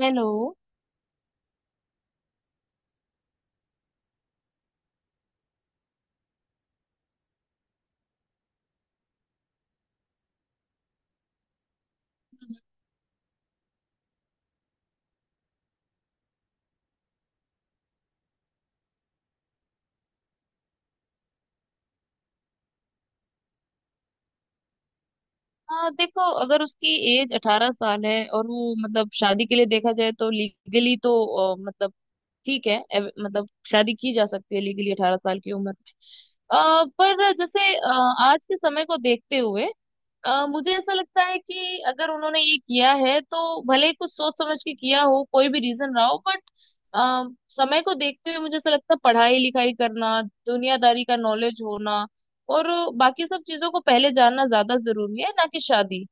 Hello. हाँ, देखो, अगर उसकी एज 18 साल है और वो मतलब शादी के लिए देखा जाए तो लीगली तो मतलब ठीक है। मतलब शादी की जा सकती है लीगली 18 साल की उम्र में। पर जैसे आज के समय को देखते हुए मुझे ऐसा लगता है कि अगर उन्होंने ये किया है तो भले ही कुछ सोच समझ के किया हो, कोई भी रीजन रहा हो, बट समय को देखते हुए मुझे ऐसा लगता है पढ़ाई लिखाई करना, दुनियादारी का नॉलेज होना और बाकी सब चीजों को पहले जानना ज्यादा जरूरी है, ना कि शादी।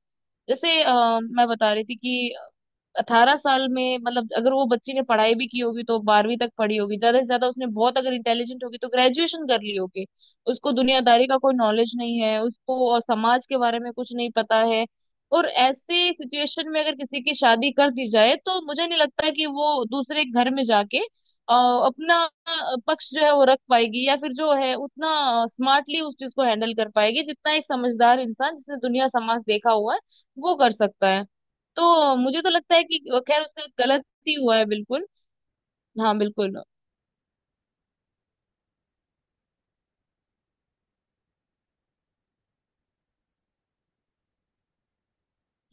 जैसे मैं बता रही थी कि 18 साल में मतलब अगर वो बच्ची ने पढ़ाई भी की होगी तो 12वीं तक पढ़ी होगी ज्यादा से ज्यादा, उसने बहुत अगर इंटेलिजेंट होगी तो ग्रेजुएशन कर ली होगी। उसको दुनियादारी का कोई नॉलेज नहीं है, उसको और समाज के बारे में कुछ नहीं पता है। और ऐसे सिचुएशन में अगर किसी की शादी कर दी जाए तो मुझे नहीं लगता कि वो दूसरे घर में जाके अ, अपना पक्ष जो है वो रख पाएगी या फिर जो है उतना स्मार्टली उस चीज को हैंडल कर पाएगी जितना एक समझदार इंसान जिसने दुनिया समाज देखा हुआ है वो कर सकता है। तो मुझे तो लगता है कि खैर उससे गलत ही हुआ है, बिल्कुल। हाँ, बिल्कुल।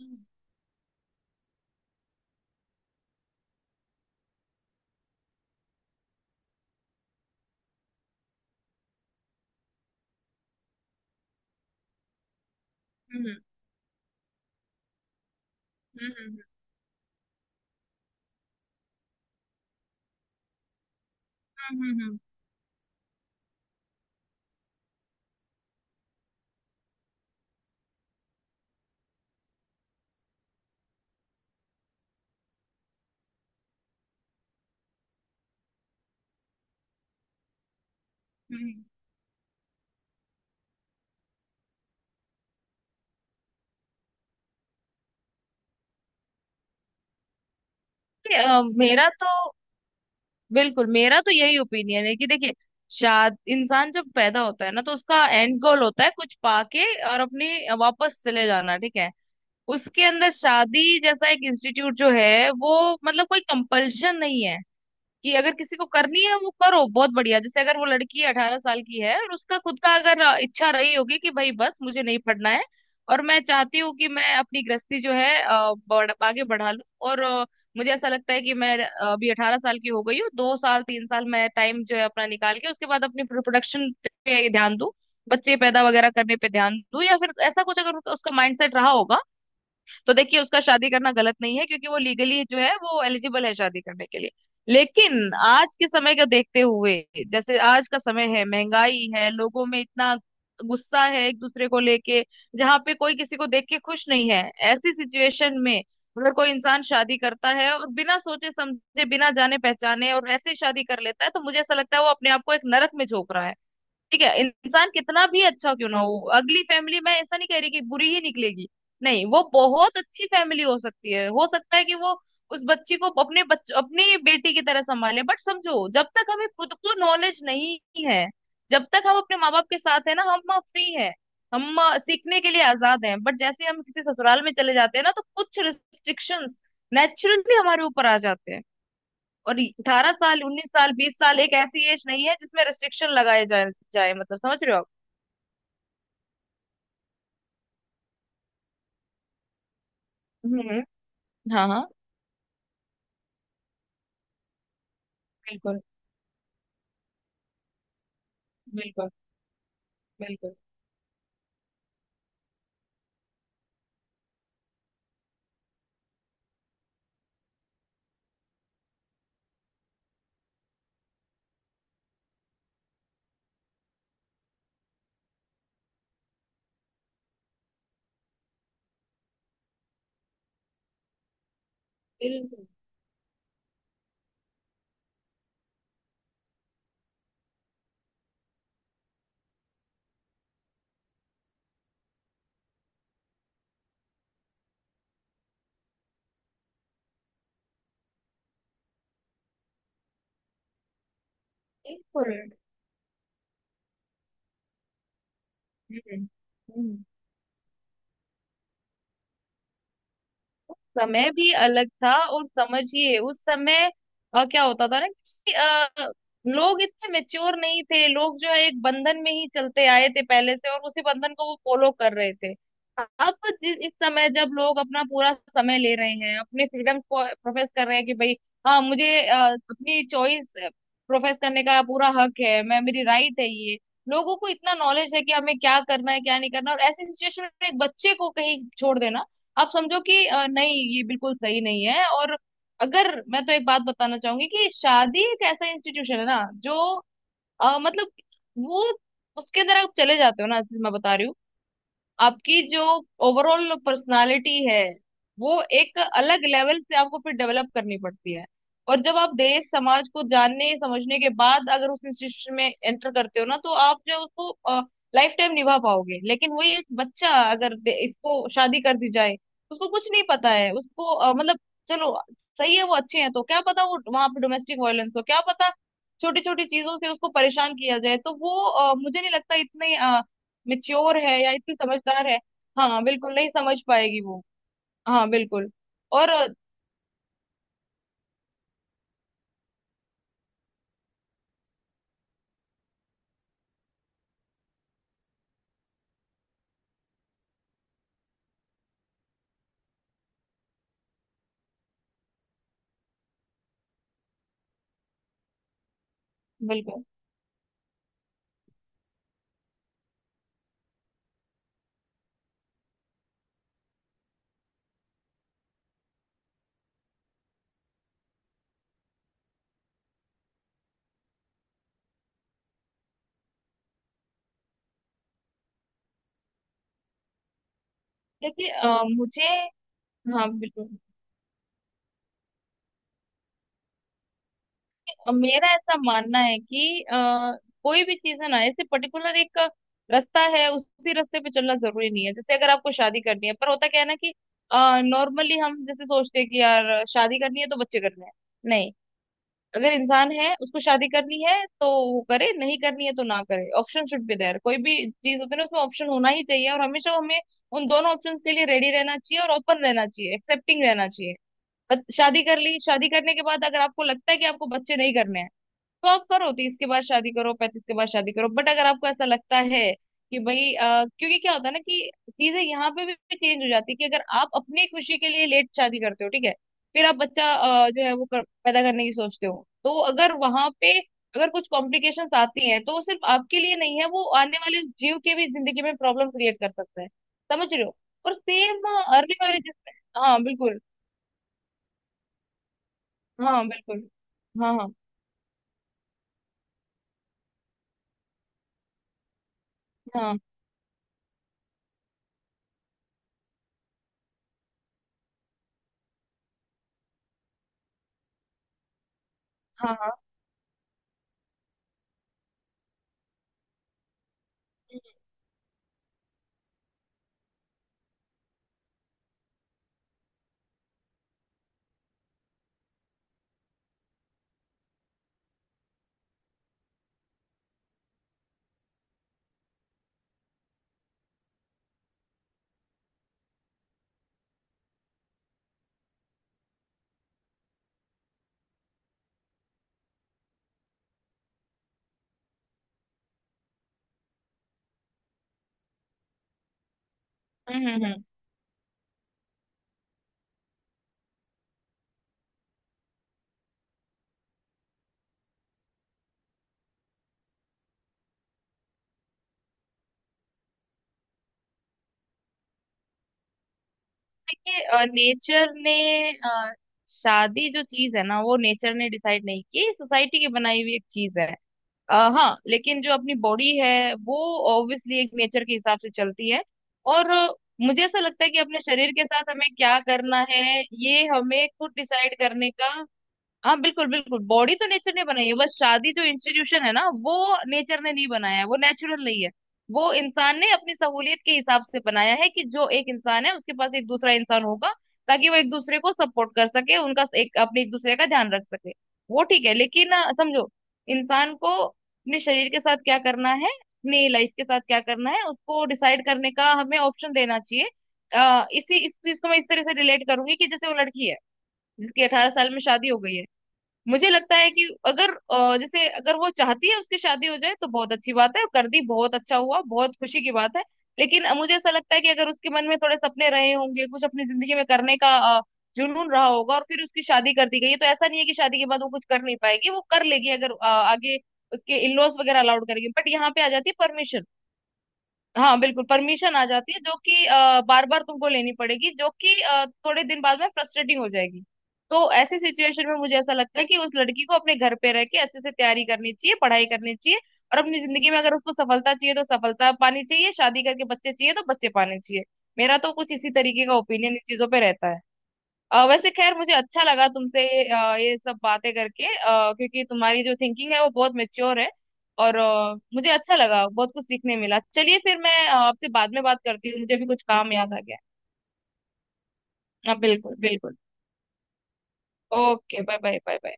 हम्म। हम्म। हम्म। हम्म। हम्म, हम्म, हम्म। मेरा तो बिल्कुल, मेरा तो यही ओपिनियन है कि देखिए, शाद इंसान जब पैदा होता है ना तो उसका एंड गोल होता है कुछ पाके और अपने वापस चले जाना, ठीक है। उसके अंदर शादी जैसा एक इंस्टीट्यूट जो है वो मतलब कोई कंपल्शन नहीं है कि अगर किसी को करनी है वो करो, बहुत बढ़िया। जैसे अगर वो लड़की 18 साल की है और उसका खुद का अगर इच्छा रही होगी कि भाई बस मुझे नहीं पढ़ना है और मैं चाहती हूँ कि मैं अपनी गृहस्थी जो है आगे बढ़ा लूँ और मुझे ऐसा लगता है कि मैं अभी 18 साल की हो गई हूँ, 2 साल 3 साल मैं टाइम जो है अपना निकाल के उसके बाद अपनी प्रोडक्शन पे ध्यान दूँ, बच्चे पैदा वगैरह करने पे ध्यान दूँ, या फिर ऐसा कुछ अगर उसका माइंडसेट रहा होगा तो देखिए उसका शादी करना गलत नहीं है क्योंकि वो लीगली जो है वो एलिजिबल है शादी करने के लिए। लेकिन आज के समय को देखते हुए, जैसे आज का समय है, महंगाई है, लोगों में इतना गुस्सा है एक दूसरे को लेके, जहाँ पे कोई किसी को देख के खुश नहीं है, ऐसी सिचुएशन में अगर कोई इंसान शादी करता है और बिना सोचे समझे, बिना जाने पहचाने और ऐसे ही शादी कर लेता है तो मुझे ऐसा लगता है वो अपने आप को एक नरक में झोंक रहा है। ठीक है, इंसान कितना भी अच्छा क्यों ना हो, अगली फैमिली मैं ऐसा नहीं कह रही कि बुरी ही निकलेगी, नहीं, वो बहुत अच्छी फैमिली हो सकती है, हो सकता है कि वो उस बच्ची को अपनी बेटी की तरह संभाले, बट समझो जब तक हमें खुद को नॉलेज नहीं है, जब तक हम अपने माँ बाप के साथ है ना हम फ्री है, हम सीखने के लिए आजाद हैं, बट जैसे हम किसी ससुराल में चले जाते हैं ना तो कुछ रिस्ट्रिक्शंस नेचुरली हमारे ऊपर आ जाते हैं। और 18 साल, 19 साल, 20 साल एक ऐसी एज नहीं है जिसमें रेस्ट्रिक्शन लगाए जाए, जाए मतलब, समझ रहे हो आप? हम्म। हाँ, हाँ, बिल्कुल, बिल्कुल, बिल्कुल। बिल्कुल। बिल्कुल। हम्म, हम्म। समय भी अलग था और समझिए उस समय क्या होता था ना कि लोग इतने मेच्योर नहीं थे, लोग जो है एक बंधन में ही चलते आए थे पहले से और उसी बंधन को वो फॉलो कर रहे थे। अब इस समय जब लोग अपना पूरा समय ले रहे हैं, अपने फ्रीडम्स को प्रोफेस कर रहे हैं कि भाई हाँ, मुझे अपनी चॉइस प्रोफेस करने का पूरा हक है, मैं मेरी राइट है ये, लोगों को इतना नॉलेज है कि हमें क्या करना है क्या नहीं करना। और ऐसी सिचुएशन में एक बच्चे को कहीं छोड़ देना, आप समझो कि नहीं ये बिल्कुल सही नहीं है। और अगर मैं तो एक बात बताना चाहूंगी कि शादी एक ऐसा इंस्टीट्यूशन है ना जो मतलब वो उसके अंदर आप चले जाते हो ना, जैसे मैं बता रही हूँ, आपकी जो ओवरऑल पर्सनालिटी है वो एक अलग लेवल से आपको फिर डेवलप करनी पड़ती है। और जब आप देश समाज को जानने समझने के बाद अगर उस इंस्टीट्यूशन में एंटर करते हो ना तो आप जो उसको लाइफ टाइम निभा पाओगे, लेकिन वही एक बच्चा अगर इसको शादी कर दी जाए, उसको कुछ नहीं पता है, उसको मतलब चलो सही है, वो अच्छे हैं, तो क्या पता वो वहां पे डोमेस्टिक वायलेंस हो, क्या पता छोटी छोटी चीजों से उसको परेशान किया जाए, तो वो मुझे नहीं लगता इतने मेच्योर है या इतनी समझदार है। हाँ, बिल्कुल नहीं समझ पाएगी वो। हाँ, बिल्कुल। और बिल्कुल। देखिए, मुझे, हाँ बिल्कुल, मेरा ऐसा मानना है कि कोई भी चीज है ना, ऐसे पर्टिकुलर एक रास्ता है उसी रास्ते पे चलना जरूरी नहीं है। जैसे अगर आपको शादी करनी है, पर होता क्या है ना कि नॉर्मली हम जैसे सोचते हैं कि यार शादी करनी है तो बच्चे करने हैं, नहीं, अगर इंसान है उसको शादी करनी है तो वो करे, नहीं करनी है तो ना करे। Option should be there. कोई भी चीज होती है ना उसमें ऑप्शन होना ही चाहिए और हमेशा हमें उन दोनों ऑप्शंस के लिए रेडी रहना चाहिए और ओपन रहना चाहिए, एक्सेप्टिंग रहना चाहिए। बस शादी कर ली, शादी करने के बाद अगर आपको लगता है कि आपको बच्चे नहीं करने हैं तो आप करो, 30 के बाद शादी करो, 35 के बाद शादी करो, बट अगर आपको ऐसा लगता है कि भाई क्योंकि क्या होता है ना कि चीजें यहाँ पे भी चेंज हो जाती है कि अगर आप अपनी खुशी के लिए लेट शादी करते हो, ठीक है, फिर आप बच्चा जो है वो पैदा करने की सोचते हो तो अगर वहां पे अगर कुछ कॉम्प्लिकेशंस आती हैं तो वो सिर्फ आपके लिए नहीं है, वो आने वाले जीव के भी जिंदगी में प्रॉब्लम क्रिएट कर सकता है। समझ रहे हो? और सेम अर्ली मैरिज। हाँ, बिल्कुल। हाँ, बिल्कुल। हाँ, हाँ। हाँ, हाँ, हाँ। हम्म, हम्म, देखिए नेचर ने शादी जो चीज है ना वो नेचर ने डिसाइड नहीं की, सोसाइटी की बनाई हुई एक चीज है। हाँ, लेकिन जो अपनी बॉडी है वो ऑब्वियसली एक नेचर के हिसाब से चलती है, और मुझे ऐसा लगता है कि अपने शरीर के साथ हमें क्या करना है, ये हमें खुद डिसाइड करने का। हाँ, बिल्कुल बिल्कुल, बॉडी तो नेचर ने बनाई है, बस शादी जो इंस्टीट्यूशन है ना वो नेचर ने नहीं बनाया है, वो नेचुरल नहीं है। वो इंसान ने अपनी सहूलियत के हिसाब से बनाया है कि जो एक इंसान है उसके पास एक दूसरा इंसान होगा, ताकि वो एक दूसरे को सपोर्ट कर सके, उनका एक अपने एक दूसरे का ध्यान रख सके। वो ठीक है लेकिन समझो इंसान को अपने शरीर के साथ क्या करना है, अपनी लाइफ के साथ क्या करना है, उसको डिसाइड करने का हमें ऑप्शन देना चाहिए। इसी इस चीज को मैं इस तरह से रिलेट करूंगी कि जैसे वो लड़की है जिसकी 18 साल में शादी हो गई है। मुझे लगता है कि अगर जैसे अगर वो चाहती है उसकी शादी हो जाए तो बहुत अच्छी बात है, कर दी, बहुत अच्छा हुआ, बहुत खुशी की बात है। लेकिन मुझे ऐसा लगता है कि अगर उसके मन में थोड़े सपने रहे होंगे, कुछ अपनी जिंदगी में करने का जुनून रहा होगा और फिर उसकी शादी कर दी गई है, तो ऐसा नहीं है कि शादी के बाद वो कुछ कर नहीं पाएगी, वो कर लेगी, अगर आगे उसके इन लॉज वगैरह अलाउड करेंगे, बट यहाँ पे आ जाती है परमिशन। हाँ, बिल्कुल, परमिशन आ जाती है जो कि बार बार तुमको लेनी पड़ेगी, जो कि थोड़े दिन बाद में फ्रस्ट्रेटिंग हो जाएगी। तो ऐसी सिचुएशन में मुझे ऐसा लगता है कि उस लड़की को अपने घर पे रह के अच्छे से तैयारी करनी चाहिए, पढ़ाई करनी चाहिए, और अपनी जिंदगी में अगर उसको सफलता चाहिए तो सफलता पानी चाहिए, शादी करके बच्चे चाहिए तो बच्चे पाने चाहिए। मेरा तो कुछ इसी तरीके का ओपिनियन इन चीजों पे रहता है। वैसे खैर, मुझे अच्छा लगा तुमसे ये सब बातें करके, क्योंकि तुम्हारी जो थिंकिंग है वो बहुत मेच्योर है, और मुझे अच्छा लगा, बहुत कुछ सीखने मिला। चलिए फिर मैं आपसे बाद में बात करती हूँ, मुझे भी कुछ काम याद आ गया है। हाँ, बिल्कुल बिल्कुल। Okay, bye bye, bye bye.